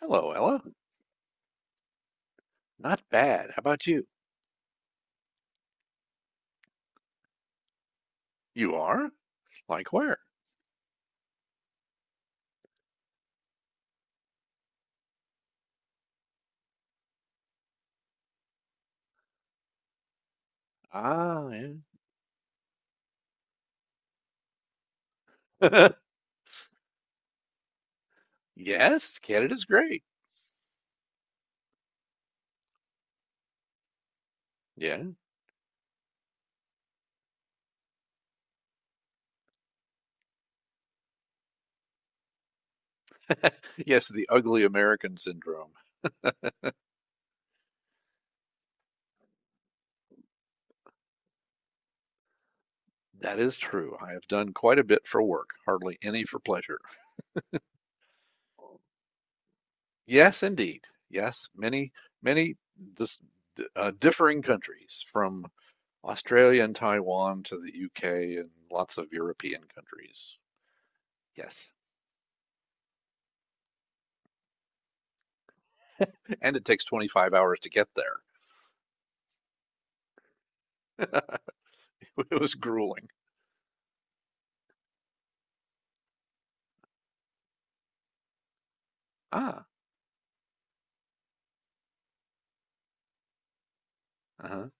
Hello, Ella. Not bad. How about you? You are? Like where? Ah, yeah. Yes, Canada's great. Yeah. Yes, the ugly American syndrome. That is true. I have done quite a bit for work, hardly any for pleasure. Yes, indeed. Yes, many dis differing countries from Australia and Taiwan to the UK and lots of European countries. Yes. And it takes 25 hours to get there. It was grueling. Ah. Uh-huh.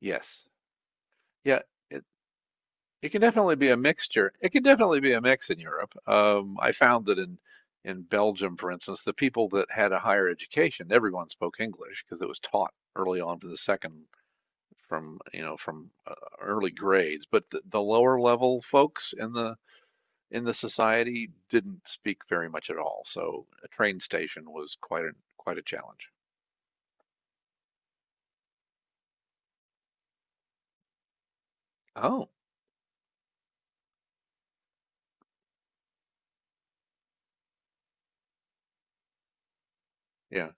Yes. Yeah, it it can definitely be a mixture. It can definitely be a mix in Europe. I found that in Belgium, for instance, the people that had a higher education, everyone spoke English because it was taught early on from the second from, you know, from early grades, but the lower level folks in the society didn't speak very much at all. So a train station was quite a challenge. Oh, yeah.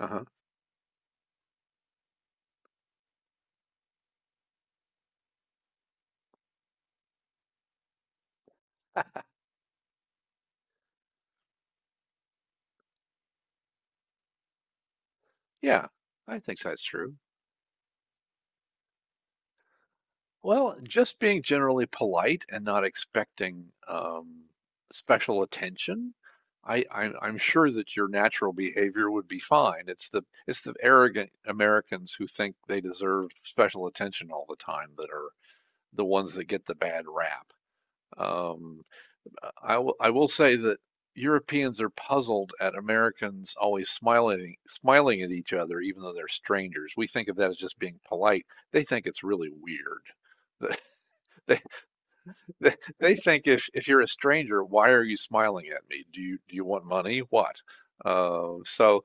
Uh-huh. Yeah. I think that's true. Well, just being generally polite and not expecting special attention. I'm sure that your natural behavior would be fine. It's the arrogant Americans who think they deserve special attention all the time that are the ones that get the bad rap. Um, I will say that Europeans are puzzled at Americans always smiling at each other, even though they're strangers. We think of that as just being polite. They think it's really weird. They. They think if you're a stranger, why are you smiling at me? Do you want money? What? Uh, so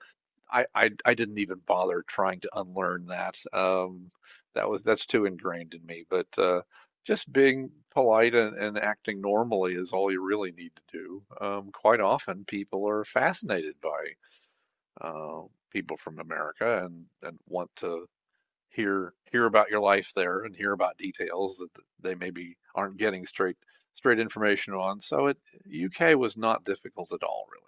I, I I didn't even bother trying to unlearn that. That was That's too ingrained in me. But just being polite and acting normally is all you really need to do. Quite often, people are fascinated by uh, people from America and want to hear about your life there and hear about details that they maybe aren't getting straight information on. So it UK was not difficult at all, really.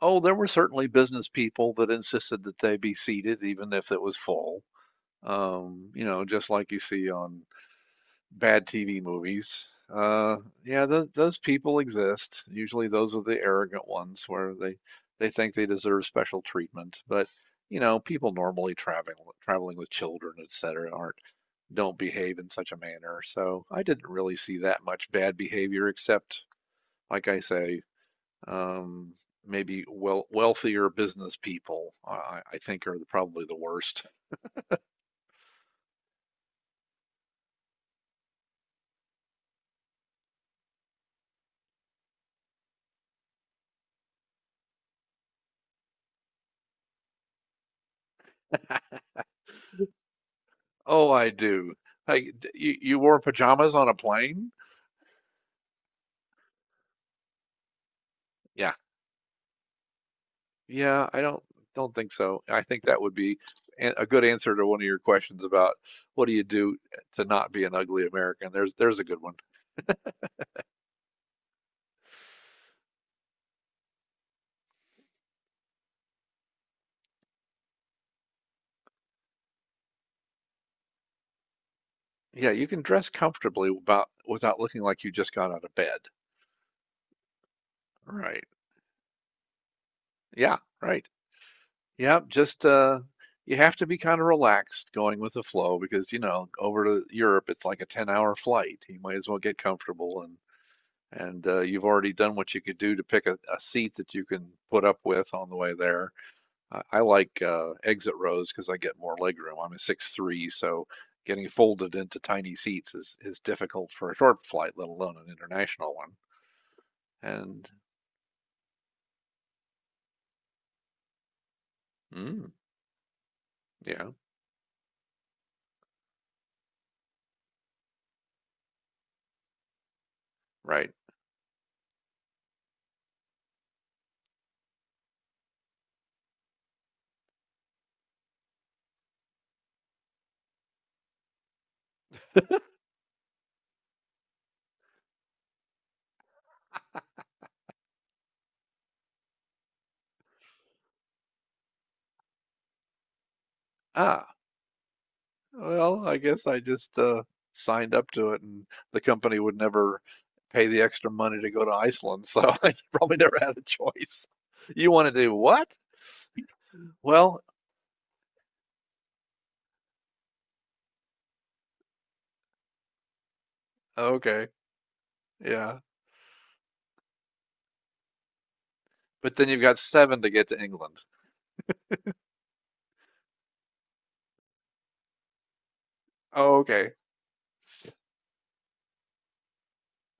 Oh, there were certainly business people that insisted that they be seated even if it was full. You know, just like you see on bad TV movies. Uh, yeah, those people exist. Usually, those are the arrogant ones where they think they deserve special treatment. But you know, people normally traveling with children, et cetera, aren't don't behave in such a manner. So I didn't really see that much bad behavior, except, like I say, um, maybe well wealthier business people. I think are the, probably the worst. Oh, I do. Hey, you, you wore pajamas on a plane? Yeah, yeah. I don't think so. I think that would be a good answer to one of your questions about what do you do to not be an ugly American. There's a good one. Yeah, you can dress comfortably about without looking like you just got out of bed. Right. Yeah, right. Yep, just you have to be kind of relaxed going with the flow because, you know, over to Europe it's like a 10-hour flight. You might as well get comfortable and and you've already done what you could do to pick a seat that you can put up with on the way there. I like exit rows because I get more leg room. I'm a 6'3", so getting folded into tiny seats is difficult for a short flight, let alone an international one. And mm, yeah, right. Ah. Well, I guess I just signed up to it, and the company would never pay the extra money to go to Iceland, so I probably never had a choice. You want to do what? Well, okay, yeah, but then you've got seven to get to England. Oh, okay.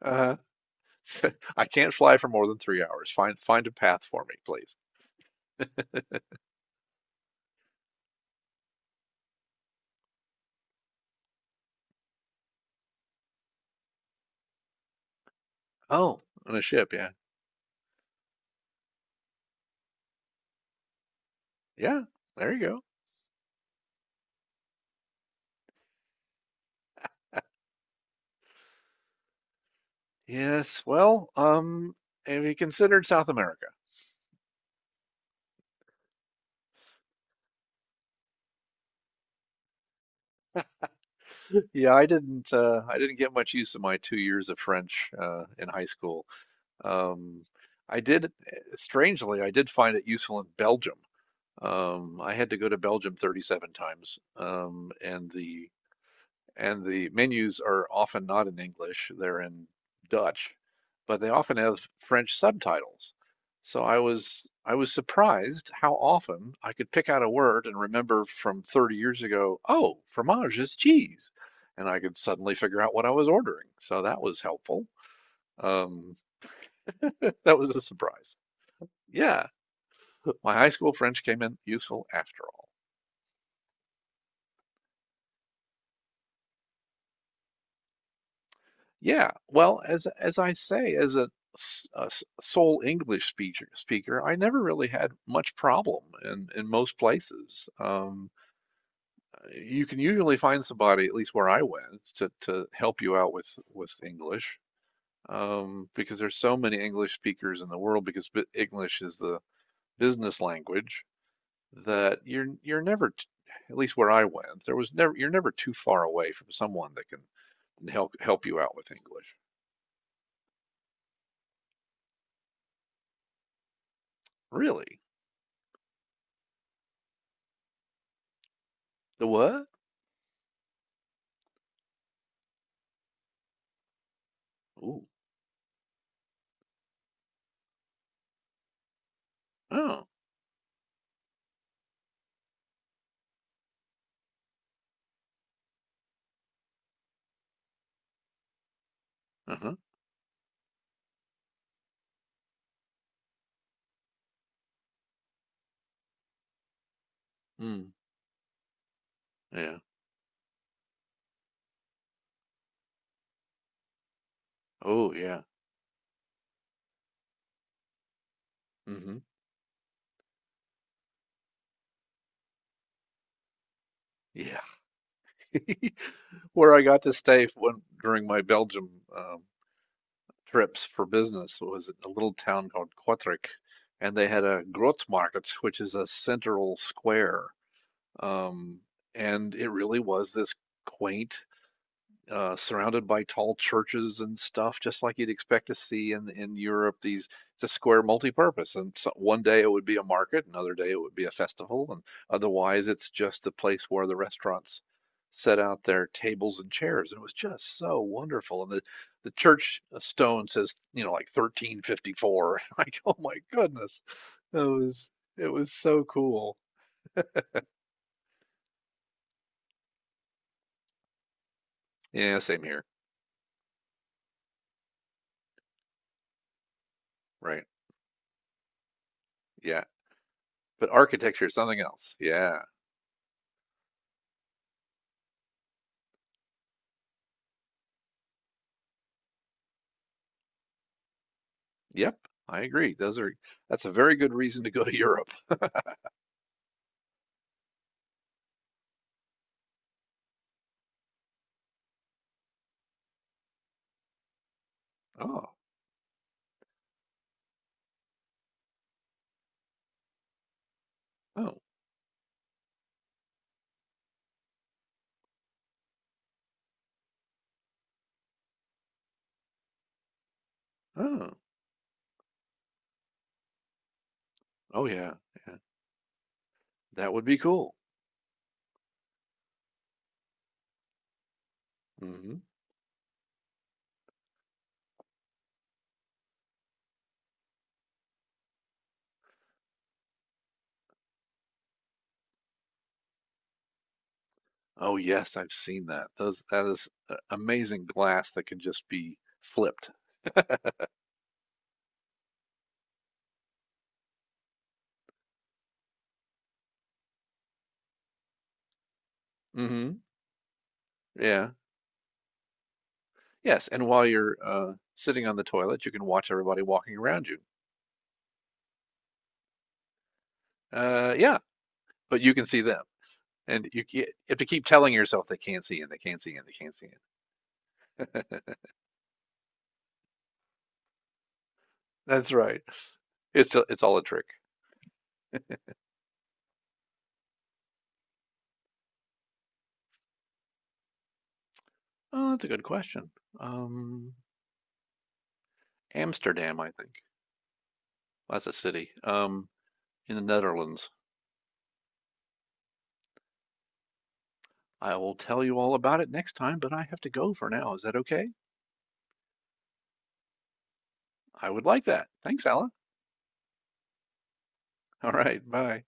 Uh, I can't fly for more than 3 hours. Find a path for me, please. Oh, on a ship, yeah, yeah. There you go. Yes. Well, have you considered South America? Yeah, I didn't get much use of my 2 years of French in high school. Um, Strangely, I did find it useful in Belgium. I had to go to Belgium 37 times, and the menus are often not in English, they're in Dutch, but they often have French subtitles. So I was surprised how often I could pick out a word and remember from 30 years ago. Oh, fromage is cheese, and I could suddenly figure out what I was ordering. So that was helpful. Um, that was a surprise. Yeah, my high school French came in useful after all. Yeah, well, as I say, as a s- sole English speaker, I never really had much problem in most places. You can usually find somebody, at least where I went, to help you out with English, because there's so many English speakers in the world. Because English is the business language that you're never, at least where I went, there was never you're never too far away from someone that can help you out with English. Really? The what? Oh. Oh. Uh-huh. Mm. Yeah. Oh, yeah. Hmm. Yeah. Where I got to stay when during my Belgium um, trips for business was a little town called Kortrijk, and they had a Grootmarkt, which is a central square. Um, and it really was this quaint, surrounded by tall churches and stuff, just like you'd expect to see in Europe. These it's a square multi-purpose, and so one day it would be a market, another day it would be a festival, and otherwise it's just a place where the restaurants set out their tables and chairs. And it was just so wonderful. And the church stone says, you know, like 1354. Like, oh my goodness, it was it was so cool. Yeah, same here, right? Yeah, but architecture is something else. Yeah. Yep, I agree. Those are That's a very good reason to go to Europe. Oh, oh, oh, oh yeah, yeah. That would be cool. Hmm. Oh yes, I've seen that. Those that is amazing glass that can just be flipped. Hmm. Yeah. Yes, and while you're sitting on the toilet, you can watch everybody walking around you. Yeah, but you can see them, and you have to keep telling yourself they can't see and they can't see and they can't see it. That's right. It's all a trick. Oh, that's a good question. Um, Amsterdam, I think. Well, that's a city, in the Netherlands. I will tell you all about it next time, but I have to go for now. Is that okay? I would like that. Thanks, Ella. All right, bye.